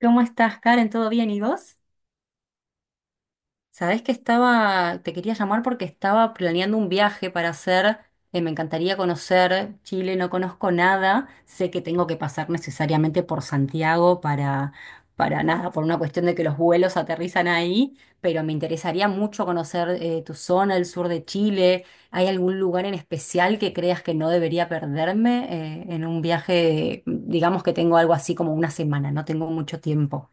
¿Cómo estás, Karen? ¿Todo bien? ¿Y vos? Sabés que estaba, te quería llamar porque estaba planeando un viaje para hacer, me encantaría conocer Chile, no conozco nada, sé que tengo que pasar necesariamente por Santiago para nada, por una cuestión de que los vuelos aterrizan ahí, pero me interesaría mucho conocer tu zona, el sur de Chile. ¿Hay algún lugar en especial que creas que no debería perderme en un viaje, digamos que tengo algo así como una semana, no tengo mucho tiempo?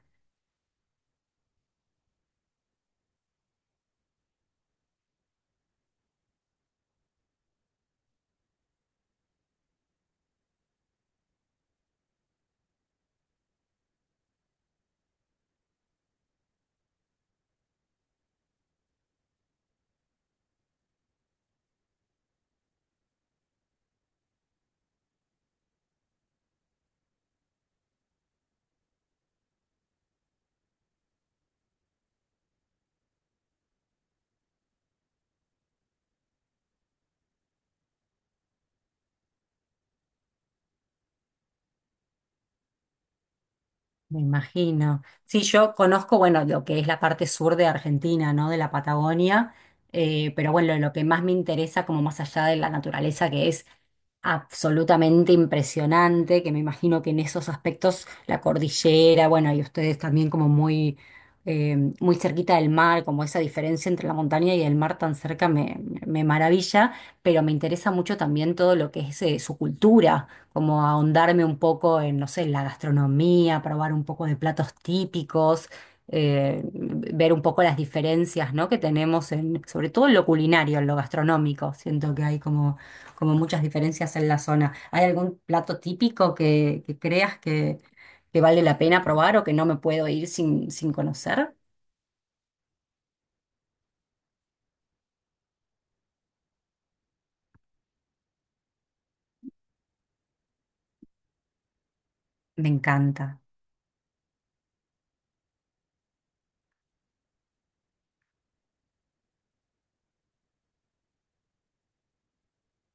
Me imagino. Sí, yo conozco, bueno, lo que es la parte sur de Argentina, ¿no? De la Patagonia, pero bueno, lo que más me interesa, como más allá de la naturaleza, que es absolutamente impresionante, que me imagino que en esos aspectos, la cordillera, bueno, y ustedes también como muy, muy cerquita del mar, como esa diferencia entre la montaña y el mar tan cerca me, me maravilla, pero me interesa mucho también todo lo que es, su cultura como ahondarme un poco en, no sé, la gastronomía, probar un poco de platos típicos, ver un poco las diferencias, ¿no? Que tenemos en, sobre todo en lo culinario, en lo gastronómico. Siento que hay como, como muchas diferencias en la zona. ¿Hay algún plato típico que creas que vale la pena probar o que no me puedo ir sin, sin conocer? Me encanta.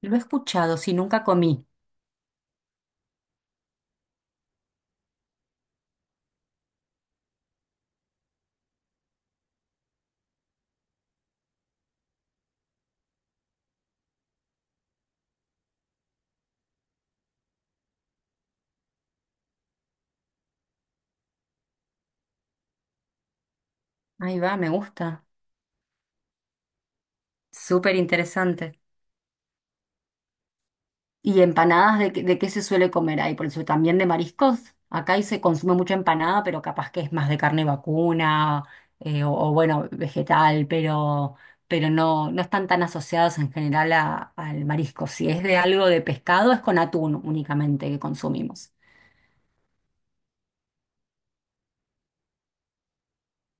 Lo he escuchado, sí, nunca comí. Ahí va, me gusta. Súper interesante. ¿Y empanadas de qué se suele comer ahí? Por eso también de mariscos. Acá ahí se consume mucha empanada, pero capaz que es más de carne vacuna o, bueno, vegetal, pero no, no están tan asociadas en general a- al marisco. Si es de algo de pescado, es con atún únicamente que consumimos.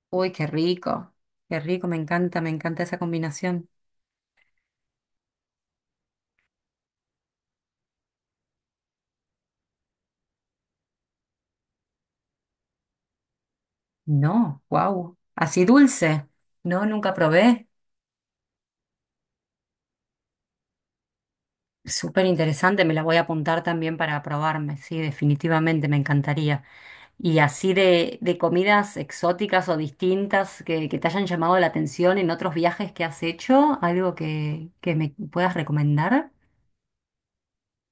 Uy, qué rico, me encanta esa combinación. No, wow, así dulce. No, nunca probé. Súper interesante, me la voy a apuntar también para probarme, sí, definitivamente me encantaría. Y así de comidas exóticas o distintas que te hayan llamado la atención en otros viajes que has hecho, algo que me puedas recomendar.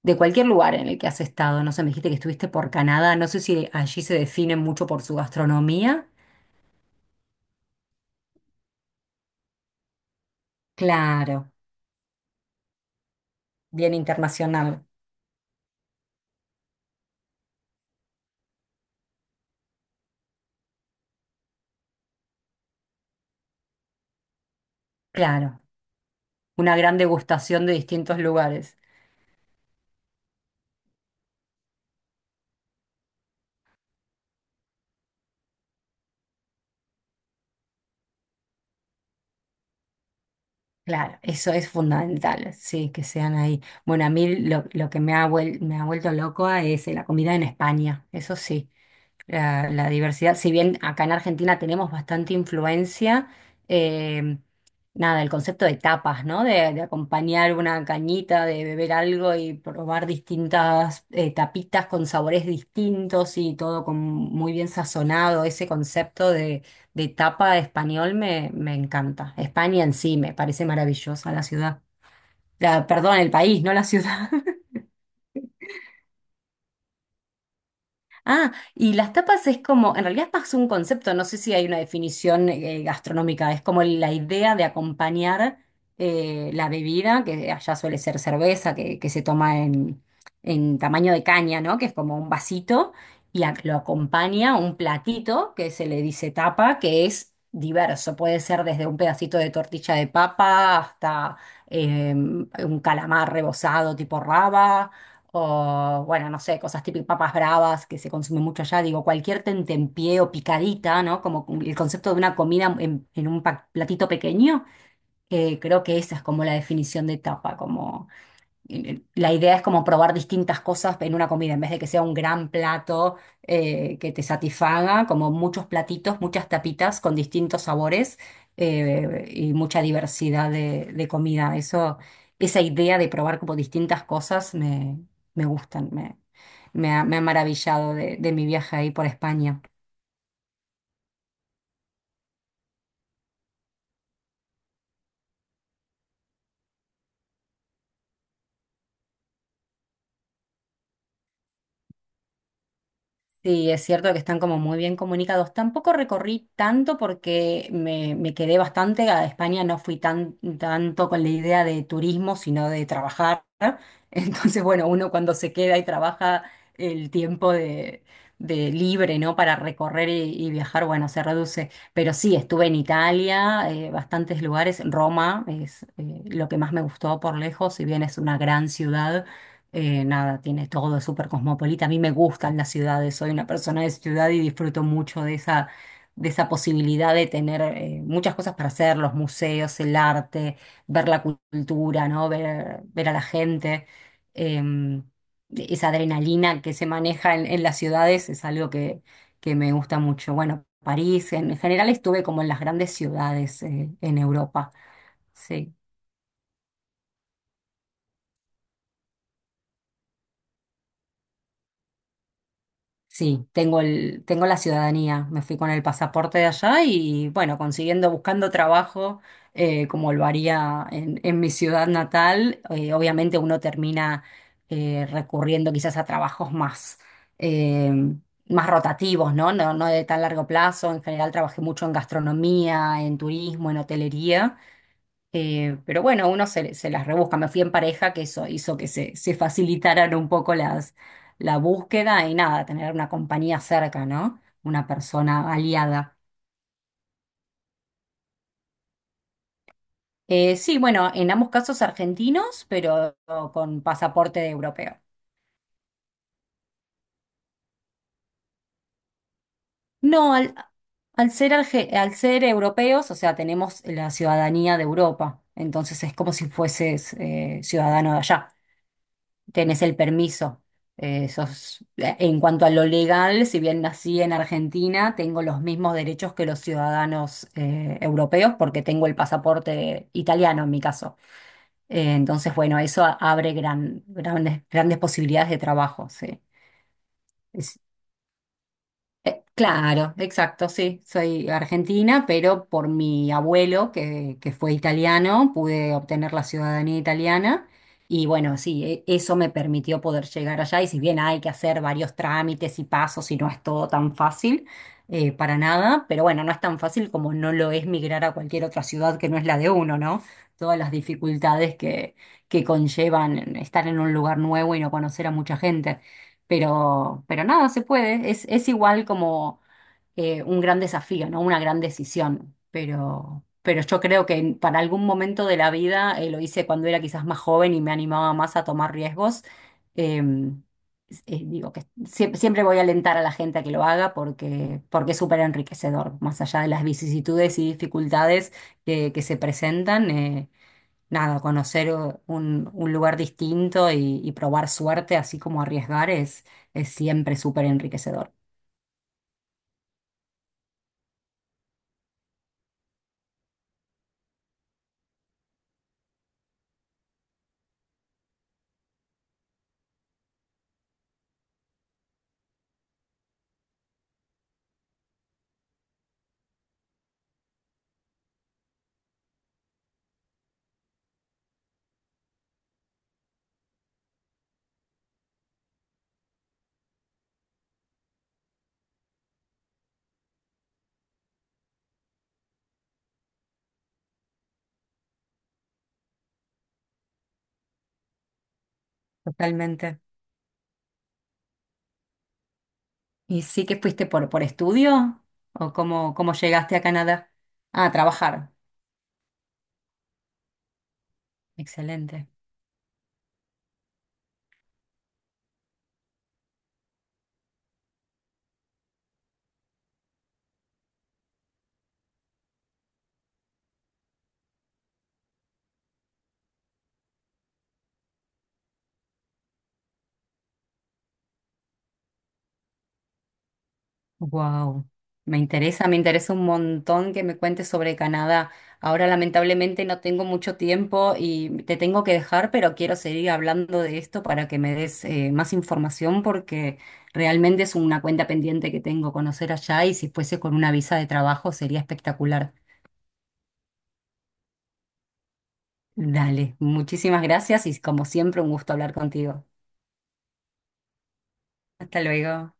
De cualquier lugar en el que has estado, no sé, me dijiste que estuviste por Canadá, no sé si allí se define mucho por su gastronomía. Claro, bien internacional, claro, una gran degustación de distintos lugares. Claro, eso es fundamental, sí, que sean ahí. Bueno, a mí lo que me ha, vuel- me ha vuelto loco es la comida en España, eso sí. La diversidad, si bien acá en Argentina tenemos bastante influencia, eh, nada, el concepto de tapas, ¿no? De acompañar una cañita, de beber algo y probar distintas tapitas con sabores distintos y todo con muy bien sazonado. Ese concepto de tapa español me, me encanta. España en sí me parece maravillosa la ciudad. La- perdón, el país, no la ciudad. Ah, y las tapas es como, en realidad es más un concepto, no sé si hay una definición gastronómica, es como la idea de acompañar la bebida, que allá suele ser cerveza, que se toma en tamaño de caña, ¿no? Que es como un vasito, y a- lo acompaña un platito que se le dice tapa, que es diverso, puede ser desde un pedacito de tortilla de papa hasta un calamar rebozado tipo raba o, bueno, no sé, cosas típicas, papas bravas que se consumen mucho allá. Digo, cualquier tentempié o picadita, ¿no? Como el concepto de una comida en un pa- platito pequeño. Creo que esa es como la definición de tapa, como la idea es como probar distintas cosas en una comida, en vez de que sea un gran plato que te satisfaga, como muchos platitos, muchas tapitas con distintos sabores y mucha diversidad de comida. Eso, esa idea de probar como distintas cosas me, me gustan, me, me ha maravillado de mi viaje ahí por España. Sí, es cierto que están como muy bien comunicados. Tampoco recorrí tanto porque me quedé bastante a España, no fui tan, tanto con la idea de turismo, sino de trabajar. Entonces, bueno, uno cuando se queda y trabaja el tiempo de libre, ¿no? Para recorrer y viajar, bueno, se reduce. Pero sí, estuve en Italia, bastantes lugares. Roma es lo que más me gustó por lejos, si bien es una gran ciudad nada, tiene todo súper cosmopolita. A mí me gustan las ciudades, soy una persona de ciudad y disfruto mucho de esa posibilidad de tener muchas cosas para hacer, los museos, el arte, ver la cultura, ¿no? Ver, ver a la gente. Em, Esa adrenalina que se maneja en las ciudades es algo que me gusta mucho. Bueno, París, en general estuve como en las grandes ciudades en Europa. Sí. Sí, tengo el, tengo la ciudadanía, me fui con el pasaporte de allá y bueno, consiguiendo, buscando trabajo como lo haría en mi ciudad natal, obviamente uno termina recurriendo quizás a trabajos más, eh, más rotativos, ¿no? No, no de tan largo plazo, en general trabajé mucho en gastronomía, en turismo, en hotelería pero bueno, uno se, se las rebusca. Me fui en pareja, que eso hizo que se facilitaran un poco las, la búsqueda y nada, tener una compañía cerca, ¿no? Una persona aliada. Sí, bueno, en ambos casos argentinos, pero con pasaporte de europeo. No, al, al ser, arge- al ser europeos, o sea, tenemos la ciudadanía de Europa, entonces es como si fueses ciudadano de allá. Tenés el permiso. Sos- en cuanto a lo legal, si bien nací en Argentina, tengo los mismos derechos que los ciudadanos europeos porque tengo el pasaporte italiano en mi caso. Entonces, bueno, eso abre gran, grandes, grandes posibilidades de trabajo, sí. Claro, exacto, sí, soy argentina, pero por mi abuelo, que fue italiano, pude obtener la ciudadanía italiana y bueno, sí, e- eso me permitió poder llegar allá y si bien hay que hacer varios trámites y pasos y no es todo tan fácil, para nada, pero bueno, no es tan fácil como no lo es migrar a cualquier otra ciudad que no es la de uno, ¿no? Todas las dificultades que conllevan estar en un lugar nuevo y no conocer a mucha gente. Pero nada, se puede. Es igual como un gran desafío, ¿no? Una gran decisión. Pero yo creo que en- para algún momento de la vida lo hice cuando era quizás más joven y me animaba más a tomar riesgos. Em, digo que siempre, siempre voy a alentar a la gente a que lo haga porque, porque es súper enriquecedor, más allá de las vicisitudes y dificultades que se presentan. Nada, conocer un lugar distinto y probar suerte, así como arriesgar, es siempre súper enriquecedor. Totalmente. ¿Y sí que fuiste por estudio? ¿O cómo, cómo llegaste a Canadá? Ah, a trabajar. Excelente. Wow, me interesa un montón que me cuentes sobre Canadá. Ahora lamentablemente no tengo mucho tiempo y te tengo que dejar, pero quiero seguir hablando de esto para que me des más información porque realmente es una cuenta pendiente que tengo conocer allá y si fuese con una visa de trabajo sería espectacular. Dale, muchísimas gracias y como siempre un gusto hablar contigo. Hasta luego.